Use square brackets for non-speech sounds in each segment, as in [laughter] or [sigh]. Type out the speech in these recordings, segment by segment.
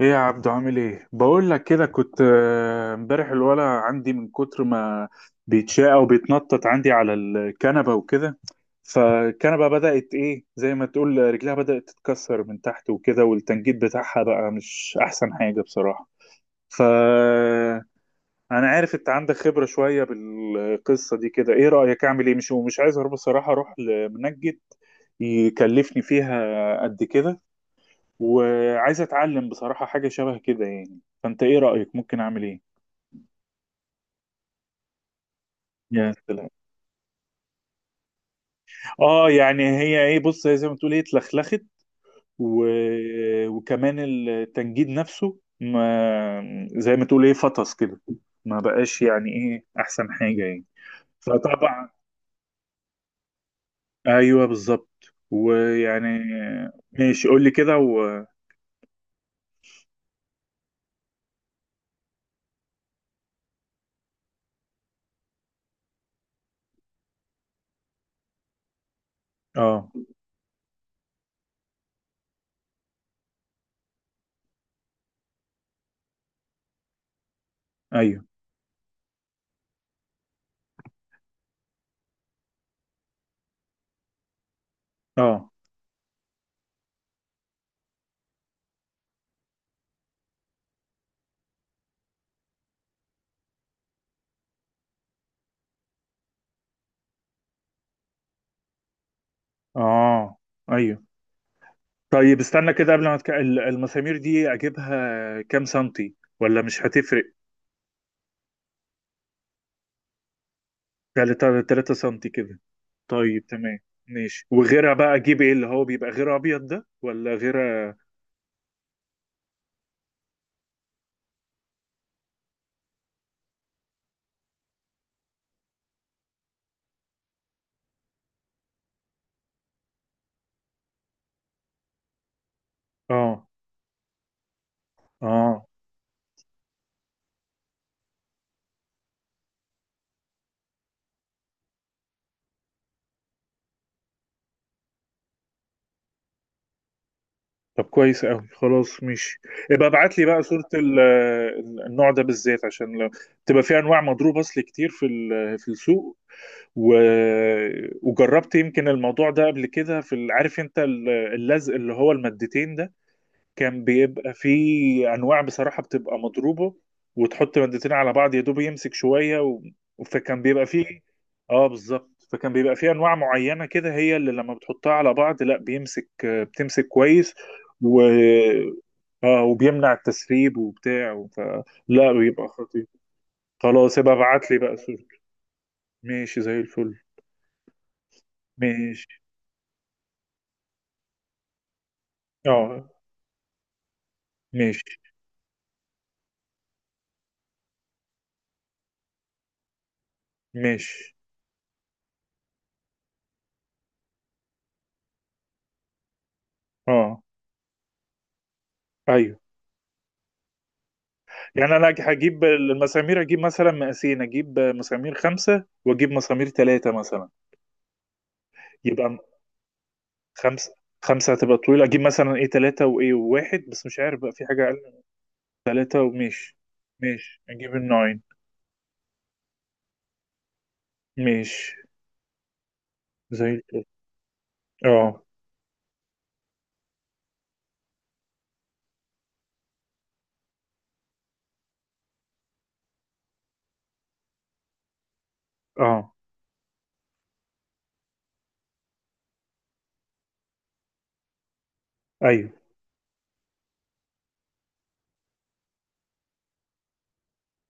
ايه يا عبدو، عامل ايه؟ بقول لك كده، كنت امبارح الولا عندي من كتر ما بيتشاء وبيتنطط عندي على الكنبه وكده. فالكنبه بدات، ايه، زي ما تقول رجلها بدات تتكسر من تحت وكده، والتنجيد بتاعها بقى مش احسن حاجه بصراحه. ف انا عارف انت عندك خبره شويه بالقصه دي كده، ايه رايك؟ اعمل ايه؟ مش عايز اروح بصراحه اروح لمنجد يكلفني فيها قد كده. وعايز اتعلم بصراحة حاجة شبه كده يعني. فانت ايه رأيك؟ ممكن اعمل ايه؟ يا [laughs] سلام. اه يعني هي ايه، بص، هي زي ما تقول ايه اتلخلخت. و... وكمان التنجيد نفسه ما زي ما تقول ايه فطس كده. ما بقاش يعني ايه احسن حاجة يعني. فطبعا. ايوه بالظبط. ويعني. ماشي، قول لي كده. اه. ايوه. اه. اه. ايوه. طيب استنى كده، قبل ما المسامير دي اجيبها كام سنتي؟ ولا مش هتفرق؟ 3 سنتي كده. طيب تمام. ماشي. وغيرها بقى اجيب ايه، اللي هو بيبقى غير ابيض ده ولا غير؟ اه. اه. طب كويس قوي، خلاص ماشي. يبقى ابعت لي بقى صورة النوع ده بالذات، عشان لو تبقى في انواع مضروب اصل كتير في السوق. و... وجربت يمكن الموضوع ده قبل كده عارف انت اللزق اللي هو المادتين ده. كان بيبقى فيه انواع بصراحه بتبقى مضروبه، وتحط مادتين على بعض يا دوب يمسك شويه. فكان بيبقى فيه اه بالظبط. فكان بيبقى فيه انواع معينه كده، هي اللي لما بتحطها على بعض، لا بيمسك، بتمسك كويس. و اه وبيمنع التسريب وبتاع. لا بيبقى خطير. خلاص يبقى ابعت لي بقى صورة. ماشي زي الفل. ماشي. اه. ماشي. ماشي. اه. ايوه. يعني انا هجيب المسامير اجيب مثلا مقاسين، اجيب مسامير 5 واجيب مسامير 3 مثلا. يبقى 5. 5 هتبقى طويلة. اجيب مثلا ايه 3 وايه واحد، بس مش عارف بقى في حاجة اقل من 3. وماشي. ماشي، اجيب النوعين. ماشي زي الفل. اه. اه. ايوه.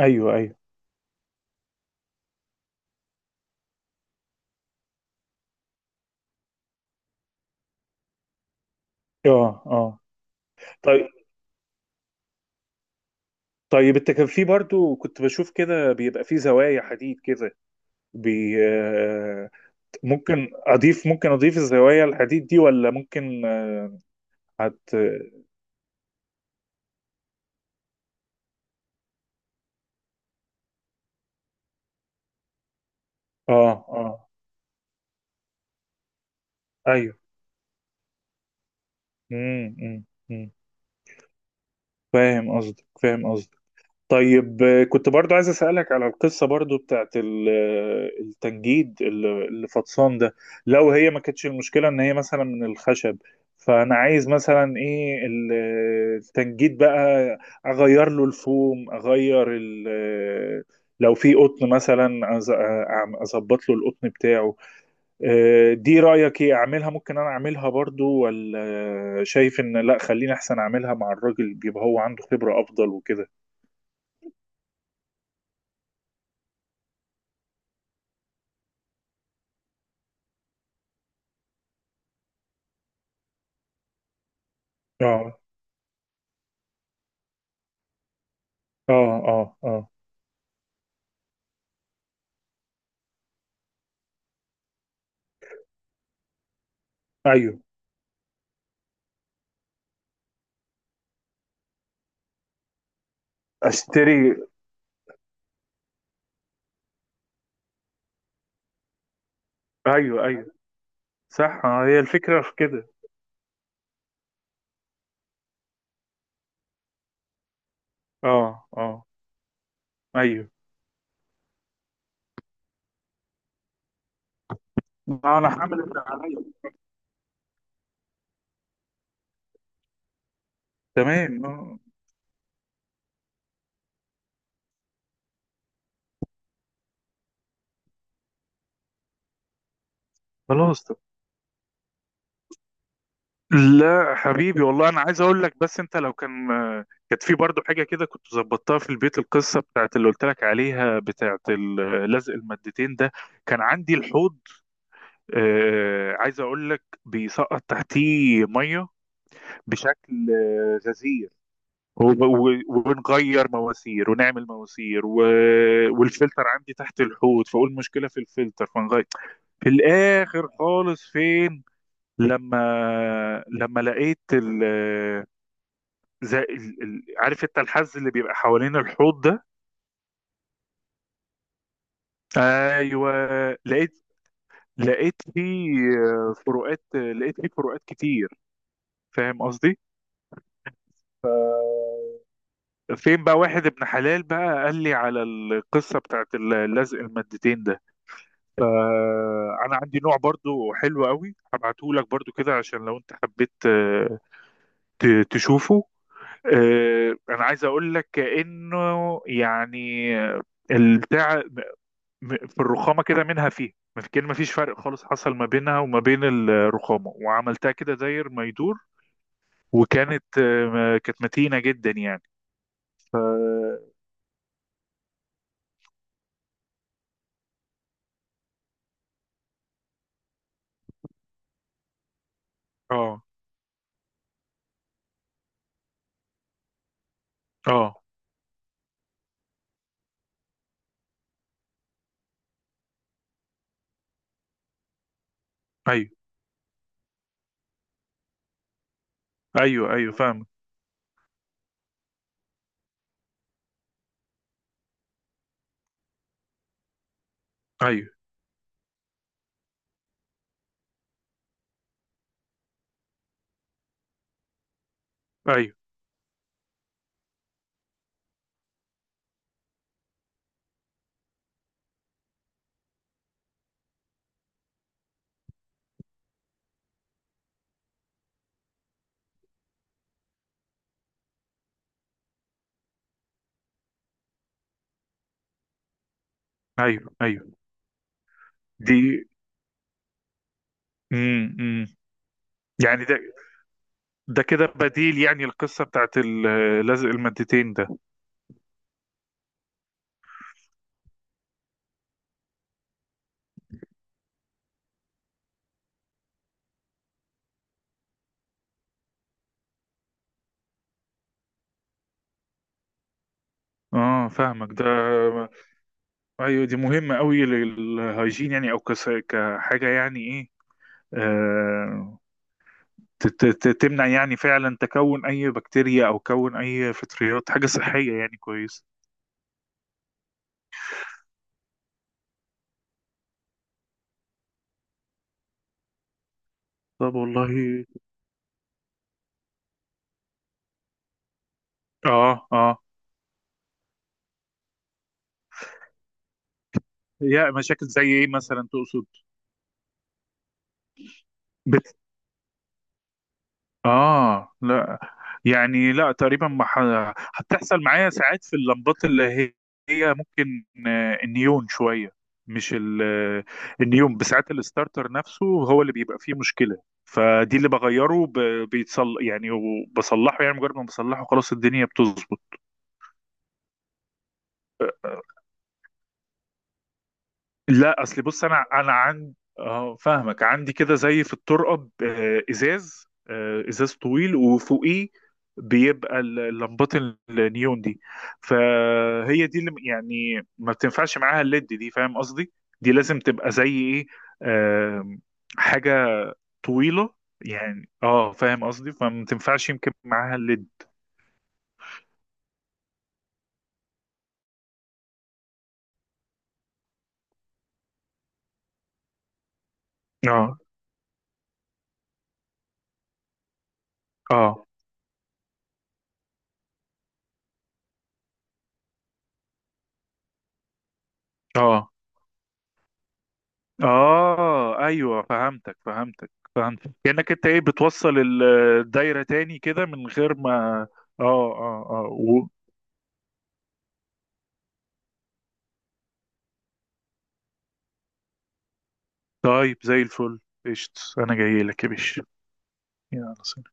ايوه. ايوه. اه. اه. طيب. طيب، انت كان في برضو كنت بشوف كده بيبقى في زوايا حديد كده، بي آه، ممكن اضيف الزوايا الحديد دي؟ ولا ممكن؟ حت اه. اه. ايوه. امم. امم. أمم. فاهم قصدك. فاهم قصدك. طيب، كنت برضو عايز اسالك على القصه برضو بتاعت التنجيد اللي فطسان ده. لو هي ما كانتش المشكله ان هي مثلا من الخشب، فانا عايز مثلا ايه، التنجيد بقى، اغير له الفوم، اغير ال آه، لو في قطن مثلا اظبط له القطن بتاعه. دي رأيك ايه اعملها؟ ممكن انا اعملها برضو، ولا شايف ان لا خليني احسن اعملها مع الراجل بيبقى هو عنده خبرة افضل وكده؟ اه. اه. اه. اه. ايوه. اشتري. ايوه. ايوه. صح، هي الفكرة في كده. اه. اه. ايوه. انا هعمل اللي عليا. تمام، آه. خلاص. لا حبيبي والله انا عايز اقول لك، بس انت لو كانت في برضه حاجه كده كنت ظبطتها في البيت. القصه بتاعت اللي قلت لك عليها بتاعت لزق المادتين ده. كان عندي الحوض، عايز اقول لك بيسقط تحتيه ميه بشكل غزير، ونغير مواسير ونعمل مواسير. والفلتر عندي تحت الحوض، فاقول مشكله في الفلتر فنغير. في الاخر خالص فين، لما لما لقيت زي عارف انت الحز اللي بيبقى حوالين الحوض ده. ايوه. لقيت لقيت فيه لقيت فيه فروقات كتير. فاهم قصدي؟ فين بقى واحد ابن حلال بقى قال لي على القصة بتاعت اللزق المادتين ده. فأنا عندي نوع برضو حلو قوي هبعته لك برضو كده عشان لو انت حبيت تشوفه. أنا عايز أقول لك كأنه يعني البتاع، في الرخامة كده منها، فيه ما في، كان مفيش فرق خالص حصل ما بينها وما بين الرخامة، وعملتها كده داير ما يدور. وكانت آه، كانت متينة جدا يعني. ف اه. اه. ايوه. ايوه. ايوه. فاهم. ايوه. ايوه. ايوه. ايوه. دي. امم. امم. يعني ده كده بديل، يعني القصة بتاعت لزق المادتين ده. اه، فاهمك ده. ايوه، دي مهمة قوي للهايجين يعني، او كحاجة يعني ايه. آه، تمنع يعني فعلا تكون اي بكتيريا او كون اي فطريات، حاجه صحيه يعني كويسه. طب والله. اه. اه. يا مشاكل زي ايه مثلا تقصد؟ بت... اه. لا. يعني لا، تقريبا ما هتحصل معايا. ساعات في اللمبات اللي هي ممكن النيون شويه، مش ال... آه، النيون، بساعات الستارتر نفسه هو اللي بيبقى فيه مشكله. فدي اللي بغيره، بيتصل يعني، وبصلحه يعني، مجرد ما بصلحه خلاص الدنيا بتظبط. لا اصل بص، انا عندي، اه فاهمك، عندي كده زي في الطرقه ازاز طويل وفوقيه بيبقى لمبات النيون دي. فهي دي اللي يعني ما بتنفعش معاها الليد دي. فاهم قصدي؟ دي لازم تبقى زي ايه، آم، حاجه طويله، يعني، اه، فاهم قصدي، فما تنفعش يمكن معاها الليد. اه. اه. اه. اه. ايوه. فهمتك. فهمتك. فهمتك. كأنك انت ايه، بتوصل الدايرة تاني كده من غير ما. اه. اه. اه. طيب زي الفل. قشط، انا جاي لك يا باشا. يلا سلام.